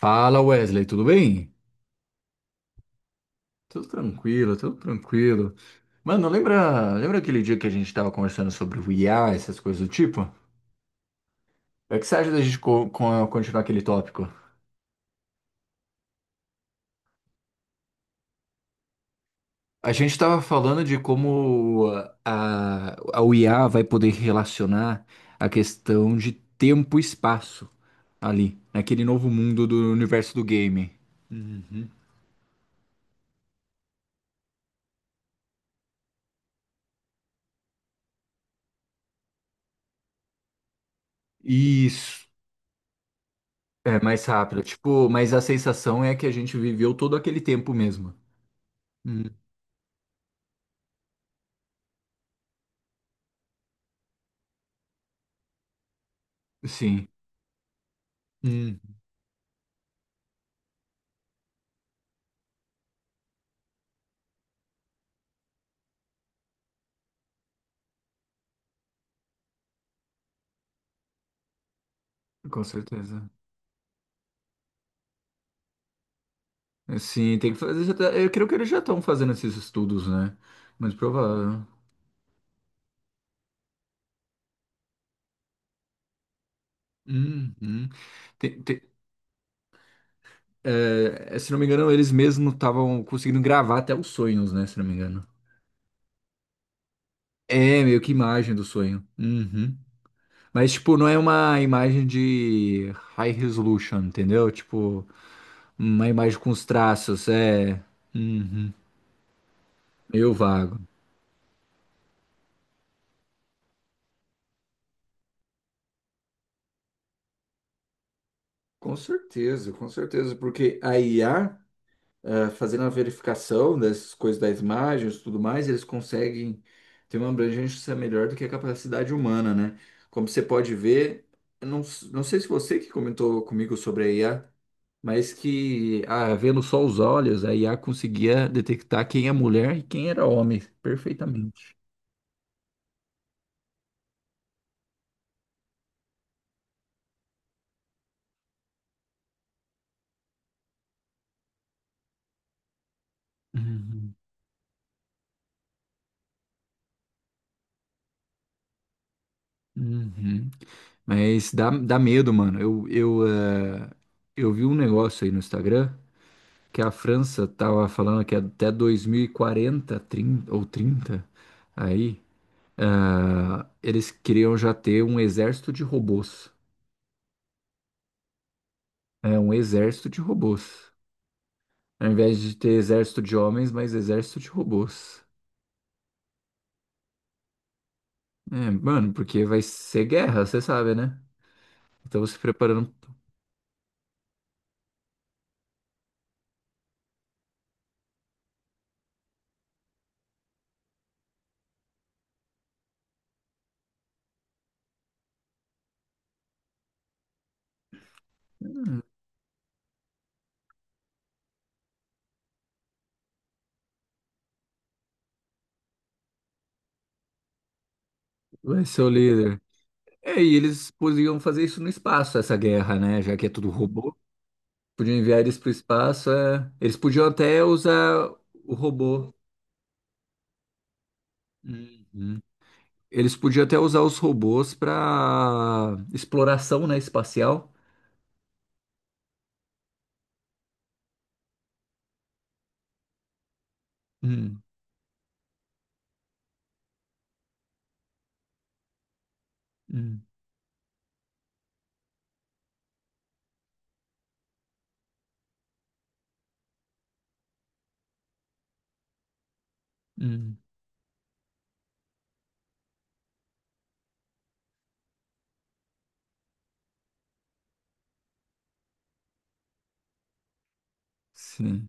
Fala Wesley, tudo bem? Tudo tranquilo, tudo tranquilo. Mano, lembra aquele dia que a gente tava conversando sobre o IA, essas coisas do tipo? É que você acha da gente continuar aquele tópico? A gente tava falando de como a o IA vai poder relacionar a questão de tempo e espaço ali, naquele novo mundo do universo do game. Uhum. Isso, é mais rápido. Tipo, mas a sensação é que a gente viveu todo aquele tempo mesmo. Sim. Hum. Com certeza. É, sim, tem que fazer. Eu creio que eles já estão fazendo esses estudos, né? Mas provável. Uhum. Tem- tem- É, se não me engano, eles mesmos estavam conseguindo gravar até os sonhos, né? Se não me engano. É, meio que imagem do sonho. Uhum. Mas, tipo, não é uma imagem de high resolution, entendeu? Tipo, uma imagem com os traços, é. Uhum. Meio vago. Com certeza, porque a IA, fazendo a verificação dessas coisas das imagens e tudo mais, eles conseguem ter uma abrangência melhor do que a capacidade humana, né? Como você pode ver, eu não, s- não sei se você que comentou comigo sobre a IA, mas que vendo só os olhos, a IA conseguia detectar quem é mulher e quem era homem perfeitamente. Uhum, uhum. Mas dá medo, mano. Eu vi um negócio aí no Instagram, que a França estava falando que é até 2040, 30 ou 30, aí, eles queriam já ter um exército de robôs. É, um exército de robôs. Ao invés de ter exército de homens, mas exército de robôs. É, mano, porque vai ser guerra, você sabe, né? Estamos se preparando. Vai ser o líder. É, e eles podiam fazer isso no espaço, essa guerra, né? Já que é tudo robô. Podiam enviar eles para o espaço. É. Eles podiam até usar o robô. Uhum. Eles podiam até usar os robôs para exploração, né, espacial. Hum, hum, hum. Sim,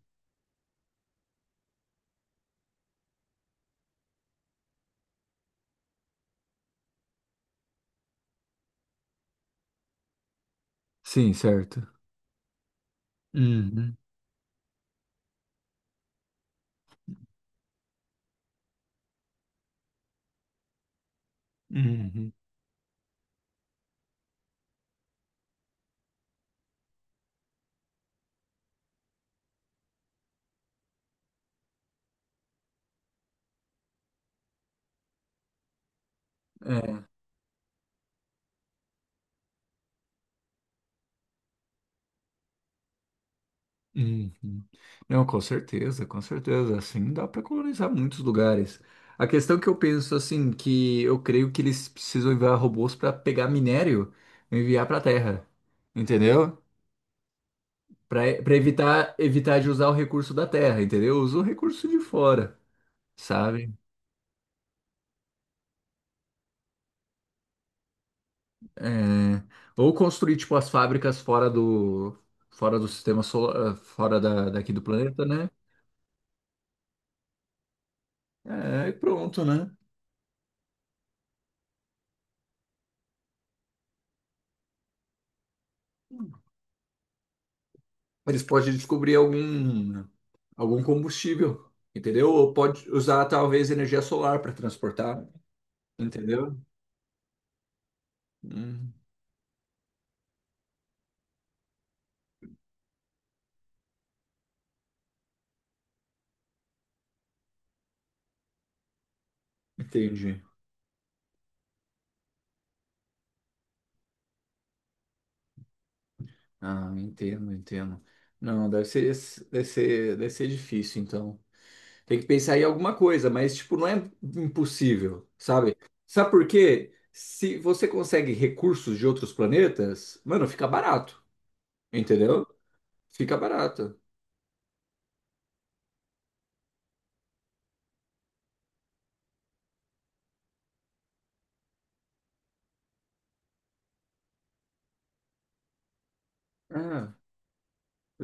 sim, certo. Uhum, uhum. É, uhum. Não, com certeza, com certeza. Assim dá para colonizar muitos lugares. A questão que eu penso, assim, que eu creio que eles precisam enviar robôs para pegar minério e enviar para a Terra, entendeu? Para evitar de usar o recurso da Terra, entendeu? Usa o recurso de fora, sabe? É, ou construir tipo as fábricas fora do sistema solar, daqui do planeta, né? É, e pronto, né? Eles podem descobrir algum combustível, entendeu? Ou pode usar talvez energia solar para transportar, entendeu? Hum, entendi. Ah, entendo, entendo. Não, deve ser difícil então. Tem que pensar em alguma coisa, mas tipo, não é impossível, sabe? Sabe por quê? Se você consegue recursos de outros planetas, mano, fica barato, entendeu? Fica barato. Ah,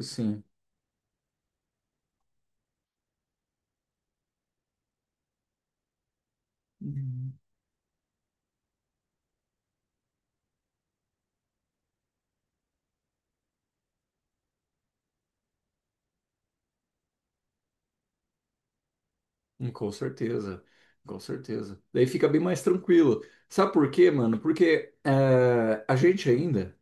sim. Uhum. Hum. Com certeza, com certeza. Daí fica bem mais tranquilo. Sabe por quê, mano? Porque a gente ainda.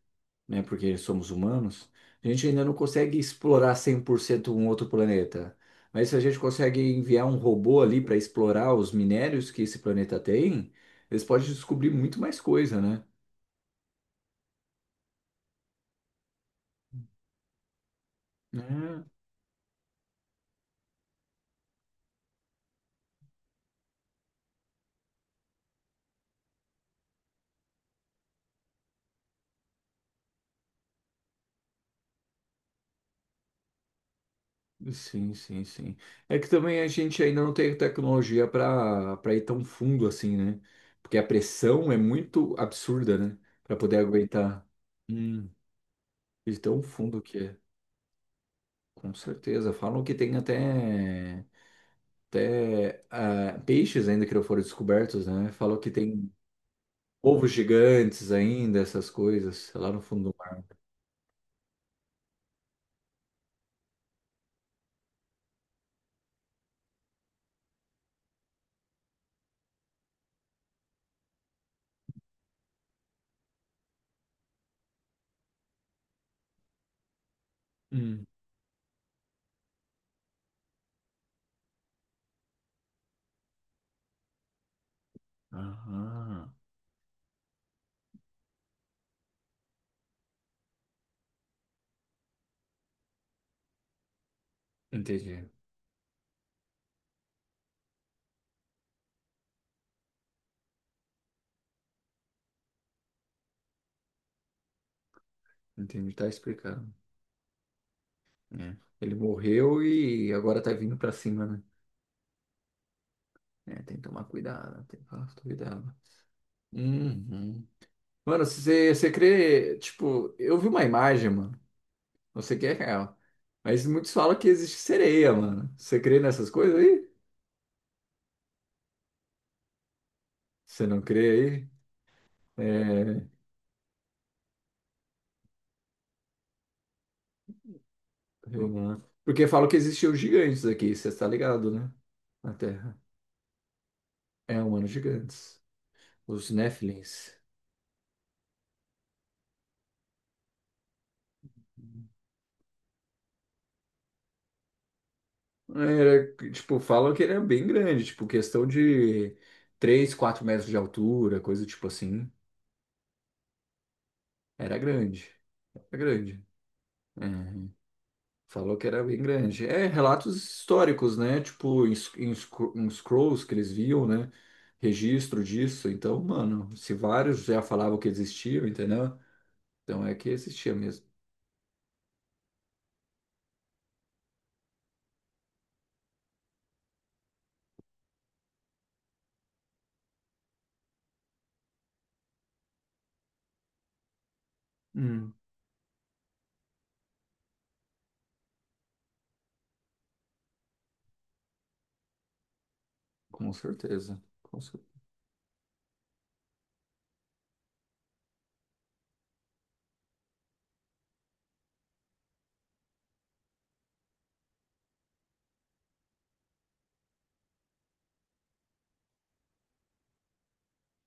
Né? Porque somos humanos, a gente ainda não consegue explorar 100% um outro planeta. Mas se a gente consegue enviar um robô ali para explorar os minérios que esse planeta tem, eles podem descobrir muito mais coisa, né? É, sim, sim, sim. É que também a gente ainda não tem tecnologia para ir tão fundo assim, né? Porque a pressão é muito absurda, né? Para poder aguentar. Hum, de tão fundo que é. Com certeza. Falam que tem até peixes ainda que não foram descobertos, né? Falou que tem ovos gigantes ainda, essas coisas, lá no fundo do mar. Hum. Aham. Entendi. Entendi, tá explicando. É. Ele morreu e agora tá vindo pra cima, né? É, tem que tomar cuidado, tem que tomar cuidado. Uhum. Mano, se você crê, tipo, eu vi uma imagem, mano. Não sei que é real. Mas muitos falam que existe sereia, mano. Você crê nessas coisas aí? Você não crê aí? É. Uhum. Porque falam que existiam gigantes aqui, você está ligado, né? Na Terra. É, humanos gigantes. Os Nephilims. Era, tipo, falam que ele é bem grande, tipo, questão de 3, 4 metros de altura, coisa tipo assim. Era grande. Era grande. Uhum. Falou que era bem grande. É, relatos históricos, né? Tipo, em scrolls que eles viam, né? Registro disso. Então, mano, se vários já falavam que existiam, entendeu? Então é que existia mesmo. Com certeza.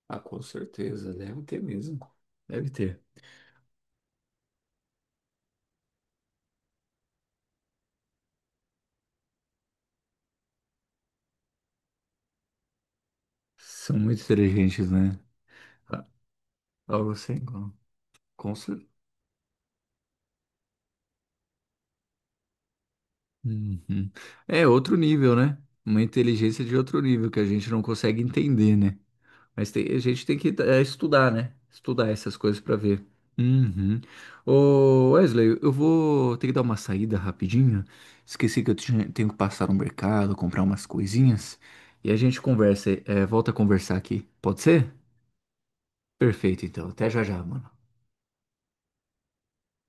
Ah, com certeza. Deve ter mesmo. Deve ter. São muito inteligentes, né? Ah, algo assim, com certeza. É outro nível, né? Uma inteligência de outro nível que a gente não consegue entender, né? Mas a gente tem que estudar, né? Estudar essas coisas pra ver. Uhum. Ô, Wesley, eu vou ter que dar uma saída rapidinho. Esqueci que eu tenho que passar no mercado, comprar umas coisinhas. E a gente volta a conversar aqui. Pode ser? Perfeito, então. Até já já, mano.